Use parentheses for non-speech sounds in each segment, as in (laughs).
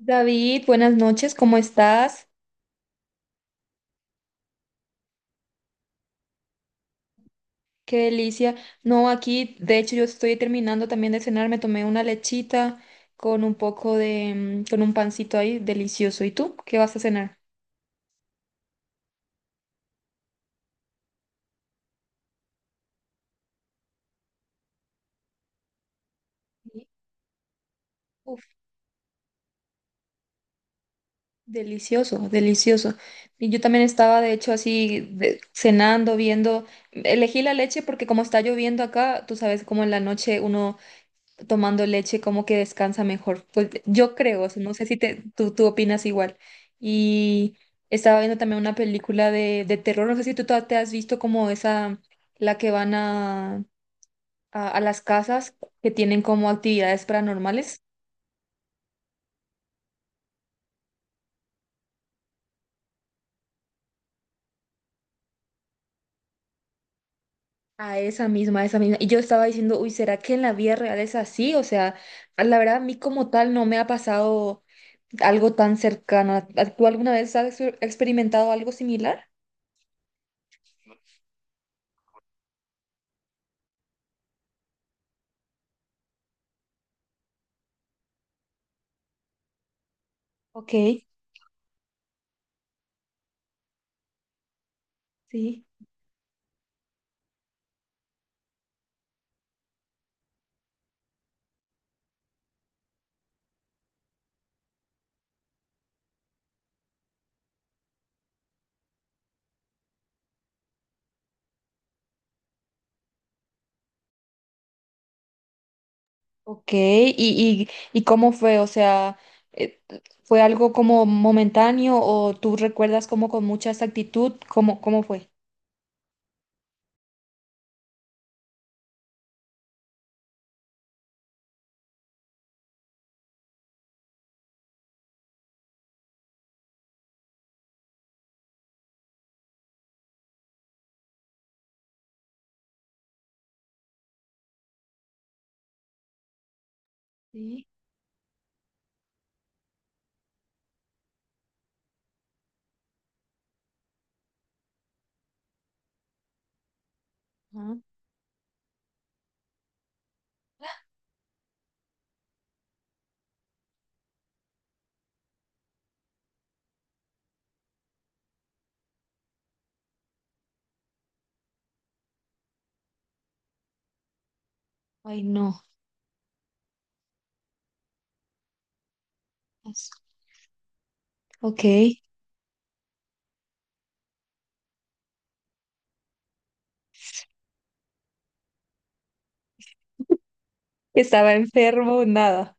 David, buenas noches, ¿cómo estás? Qué delicia. No, aquí, de hecho, yo estoy terminando también de cenar, me tomé una lechita con un poco de con un pancito ahí, delicioso. ¿Y tú? ¿Qué vas a cenar? Sí. Uf, delicioso, delicioso. Y yo también estaba, de hecho, cenando, viendo, elegí la leche porque como está lloviendo acá, tú sabes cómo en la noche uno tomando leche como que descansa mejor. Pues yo creo, o sea, no sé si tú opinas igual. Y estaba viendo también una película de terror, no sé si te has visto como esa, la que van a las casas que tienen como actividades paranormales. A esa misma, a esa misma. Y yo estaba diciendo, uy, ¿será que en la vida real es así? O sea, a la verdad, a mí como tal no me ha pasado algo tan cercano. ¿Tú alguna vez has experimentado algo similar? Ok, sí. Ok, ¿y cómo fue? O sea, eh, ¿fue algo como momentáneo o tú recuerdas como con mucha exactitud? ¿Cómo, cómo fue? Sí. Ajá. Ay, no. es- Ok. Estaba enfermo, nada.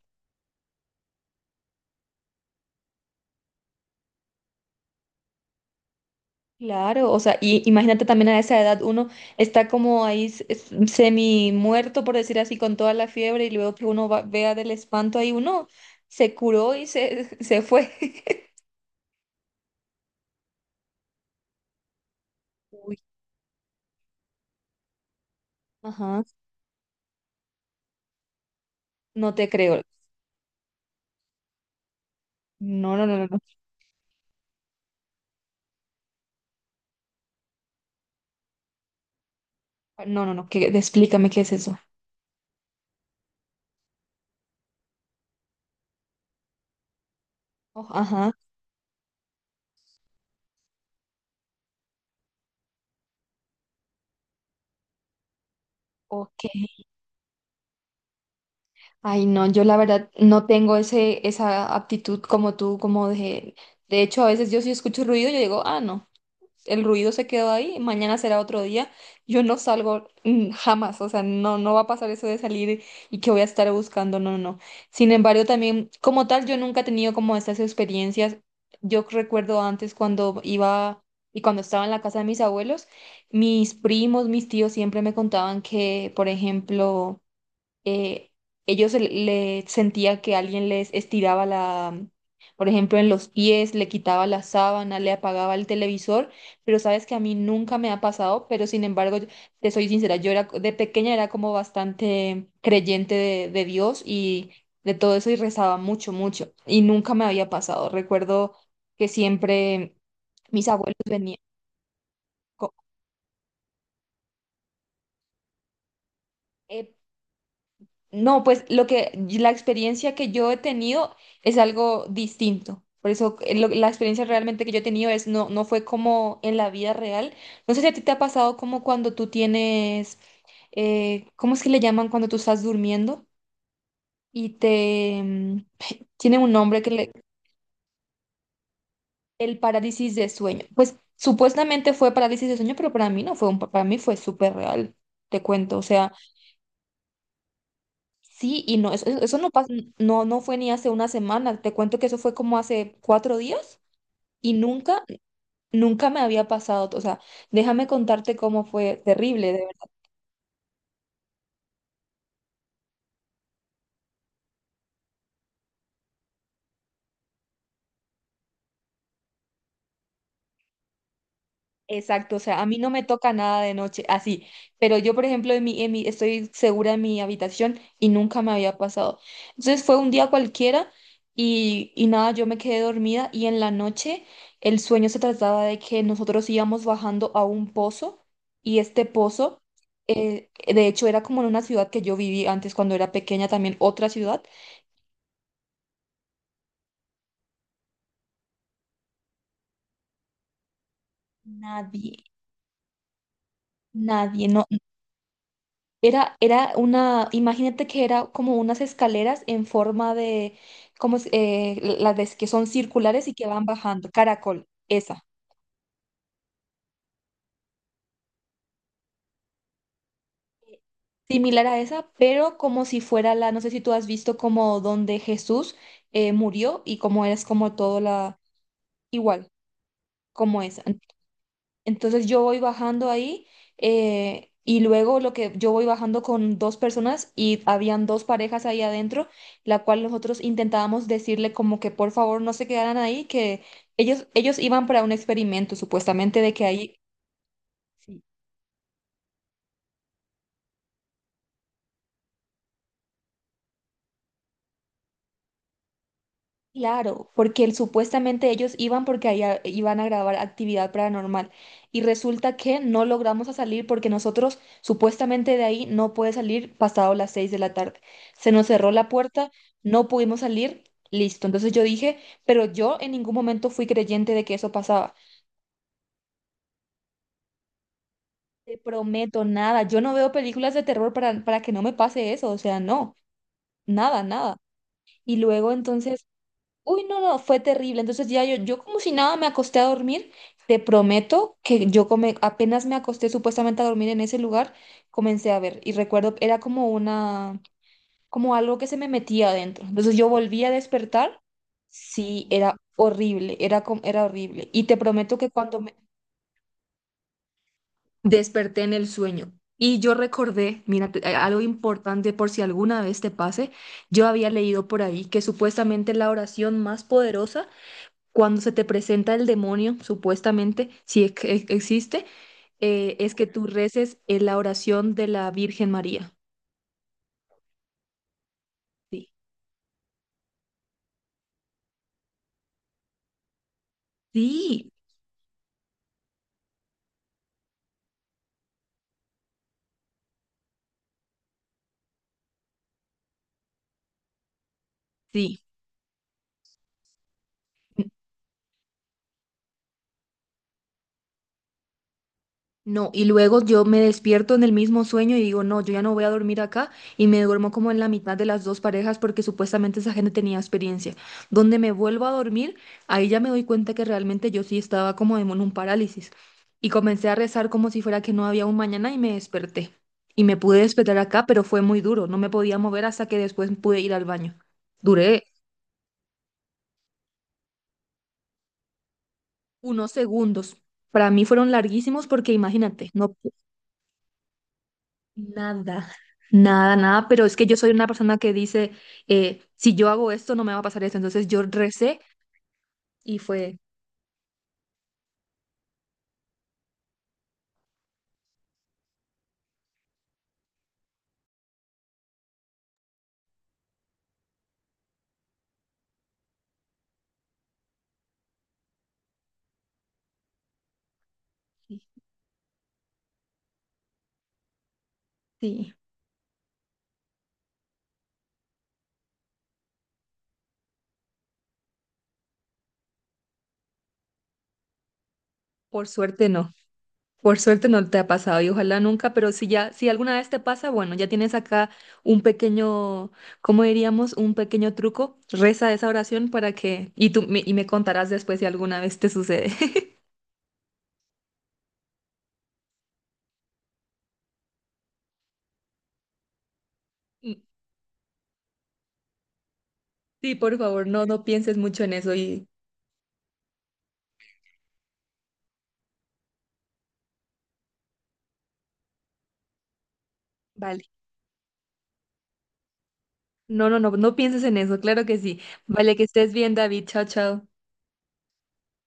Claro, o sea, y imagínate también a esa edad uno está como ahí semi muerto, por decir así, con toda la fiebre y luego que uno vea del espanto, ahí uno se curó y se fue. (laughs) Uy. Ajá, no te creo. No, no, no, no, no. No, no, no, que, explícame qué es eso. Oh, ajá, ok. Ay, no, yo la verdad no tengo ese, esa aptitud como tú, como de... De hecho, a veces yo si escucho ruido, yo digo, ah, no, el ruido se quedó ahí, mañana será otro día, yo no salgo jamás, o sea, no, no va a pasar eso de salir y que voy a estar buscando, no, no, no. Sin embargo, también como tal, yo nunca he tenido como estas experiencias. Yo recuerdo antes cuando iba y cuando estaba en la casa de mis abuelos, mis primos, mis tíos siempre me contaban que, por ejemplo, eh, sentía que alguien les estiraba la, por ejemplo, en los pies, le quitaba la sábana, le apagaba el televisor, pero sabes que a mí nunca me ha pasado, pero sin embargo, te soy sincera, yo era, de pequeña era como bastante creyente de Dios y de todo eso y rezaba mucho, mucho, y nunca me había pasado. Recuerdo que siempre mis abuelos venían. No, pues lo que la experiencia que yo he tenido es algo distinto. Por eso la experiencia realmente que yo he tenido es no, no fue como en la vida real. No sé si a ti te ha pasado como cuando tú tienes, ¿cómo es que le llaman cuando tú estás durmiendo? Y te (laughs) tiene un nombre que le, el parálisis de sueño. Pues supuestamente fue parálisis de sueño, pero para mí no fue un, para mí fue súper real, te cuento. O sea. Sí, y no, eso, no, no fue ni hace una semana. Te cuento que eso fue como hace 4 días y nunca, nunca me había pasado. O sea, déjame contarte cómo fue terrible. De exacto, o sea, a mí no me toca nada de noche, así, pero yo, por ejemplo, estoy segura en mi habitación y nunca me había pasado. Entonces fue un día cualquiera y nada, yo me quedé dormida y en la noche el sueño se trataba de que nosotros íbamos bajando a un pozo y este pozo, de hecho, era como en una ciudad que yo viví antes cuando era pequeña, también otra ciudad. Nadie, nadie, no. Era, era una, imagínate que era como unas escaleras en forma de, como es- las de- que son circulares y que van bajando, caracol, esa, similar a esa, pero como si fuera la, no sé si tú has visto como donde Jesús murió y como es como todo la, igual, como esa. Entonces yo voy bajando ahí y luego lo que yo voy bajando con dos personas y habían dos parejas ahí adentro, la cual nosotros intentábamos decirle como que por favor no se quedaran ahí, que ellos iban para un experimento supuestamente de que ahí... Claro, porque supuestamente ellos iban porque allá iban a grabar actividad paranormal y resulta que no logramos a salir porque nosotros supuestamente de ahí no puede salir pasado las 6 de la tarde. Se nos cerró la puerta, no pudimos salir, listo. Entonces yo dije, pero yo en ningún momento fui creyente de que eso pasaba. Te prometo nada, yo no veo películas de terror para que no me pase eso, o sea, no, nada, nada. Y luego entonces... Uy, no, no, fue terrible. Entonces ya yo como si nada me acosté a dormir. Te prometo que yo come, apenas me acosté supuestamente a dormir en ese lugar, comencé a ver. Y recuerdo, era como una, como algo que se me metía adentro. Entonces yo volví a despertar. Sí, era horrible, era horrible. Y te prometo que cuando me desperté en el sueño y yo recordé, mira, algo importante por si alguna vez te pase, yo había leído por ahí que supuestamente la oración más poderosa cuando se te presenta el demonio, supuestamente, si es que existe, es que tú reces en la oración de la Virgen María. Sí, sí, sí. No, y luego yo me despierto en el mismo sueño y digo, no, yo ya no voy a dormir acá y me duermo como en la mitad de las dos parejas porque supuestamente esa gente tenía experiencia. Donde me vuelvo a dormir, ahí ya me doy cuenta que realmente yo sí estaba como en un parálisis y comencé a rezar como si fuera que no había un mañana y me desperté. Y me pude despertar acá, pero fue muy duro, no me podía mover hasta que después pude ir al baño. Duré unos segundos. Para mí fueron larguísimos porque imagínate, no, nada, nada, nada, pero es que yo soy una persona que dice, si yo hago esto, no me va a pasar esto. Entonces yo recé y fue, sí, sí, por suerte no, por suerte no te ha pasado y ojalá nunca, pero si ya, si alguna vez te pasa, bueno, ya tienes acá un pequeño, ¿cómo diríamos? Un pequeño truco, reza esa oración para que, y tú, y me contarás después si alguna vez te sucede. (laughs) Sí, por favor, no, no pienses mucho en eso y vale. No, no, no, no pienses en eso, claro que sí. Vale, que estés bien, David. Chao, chao.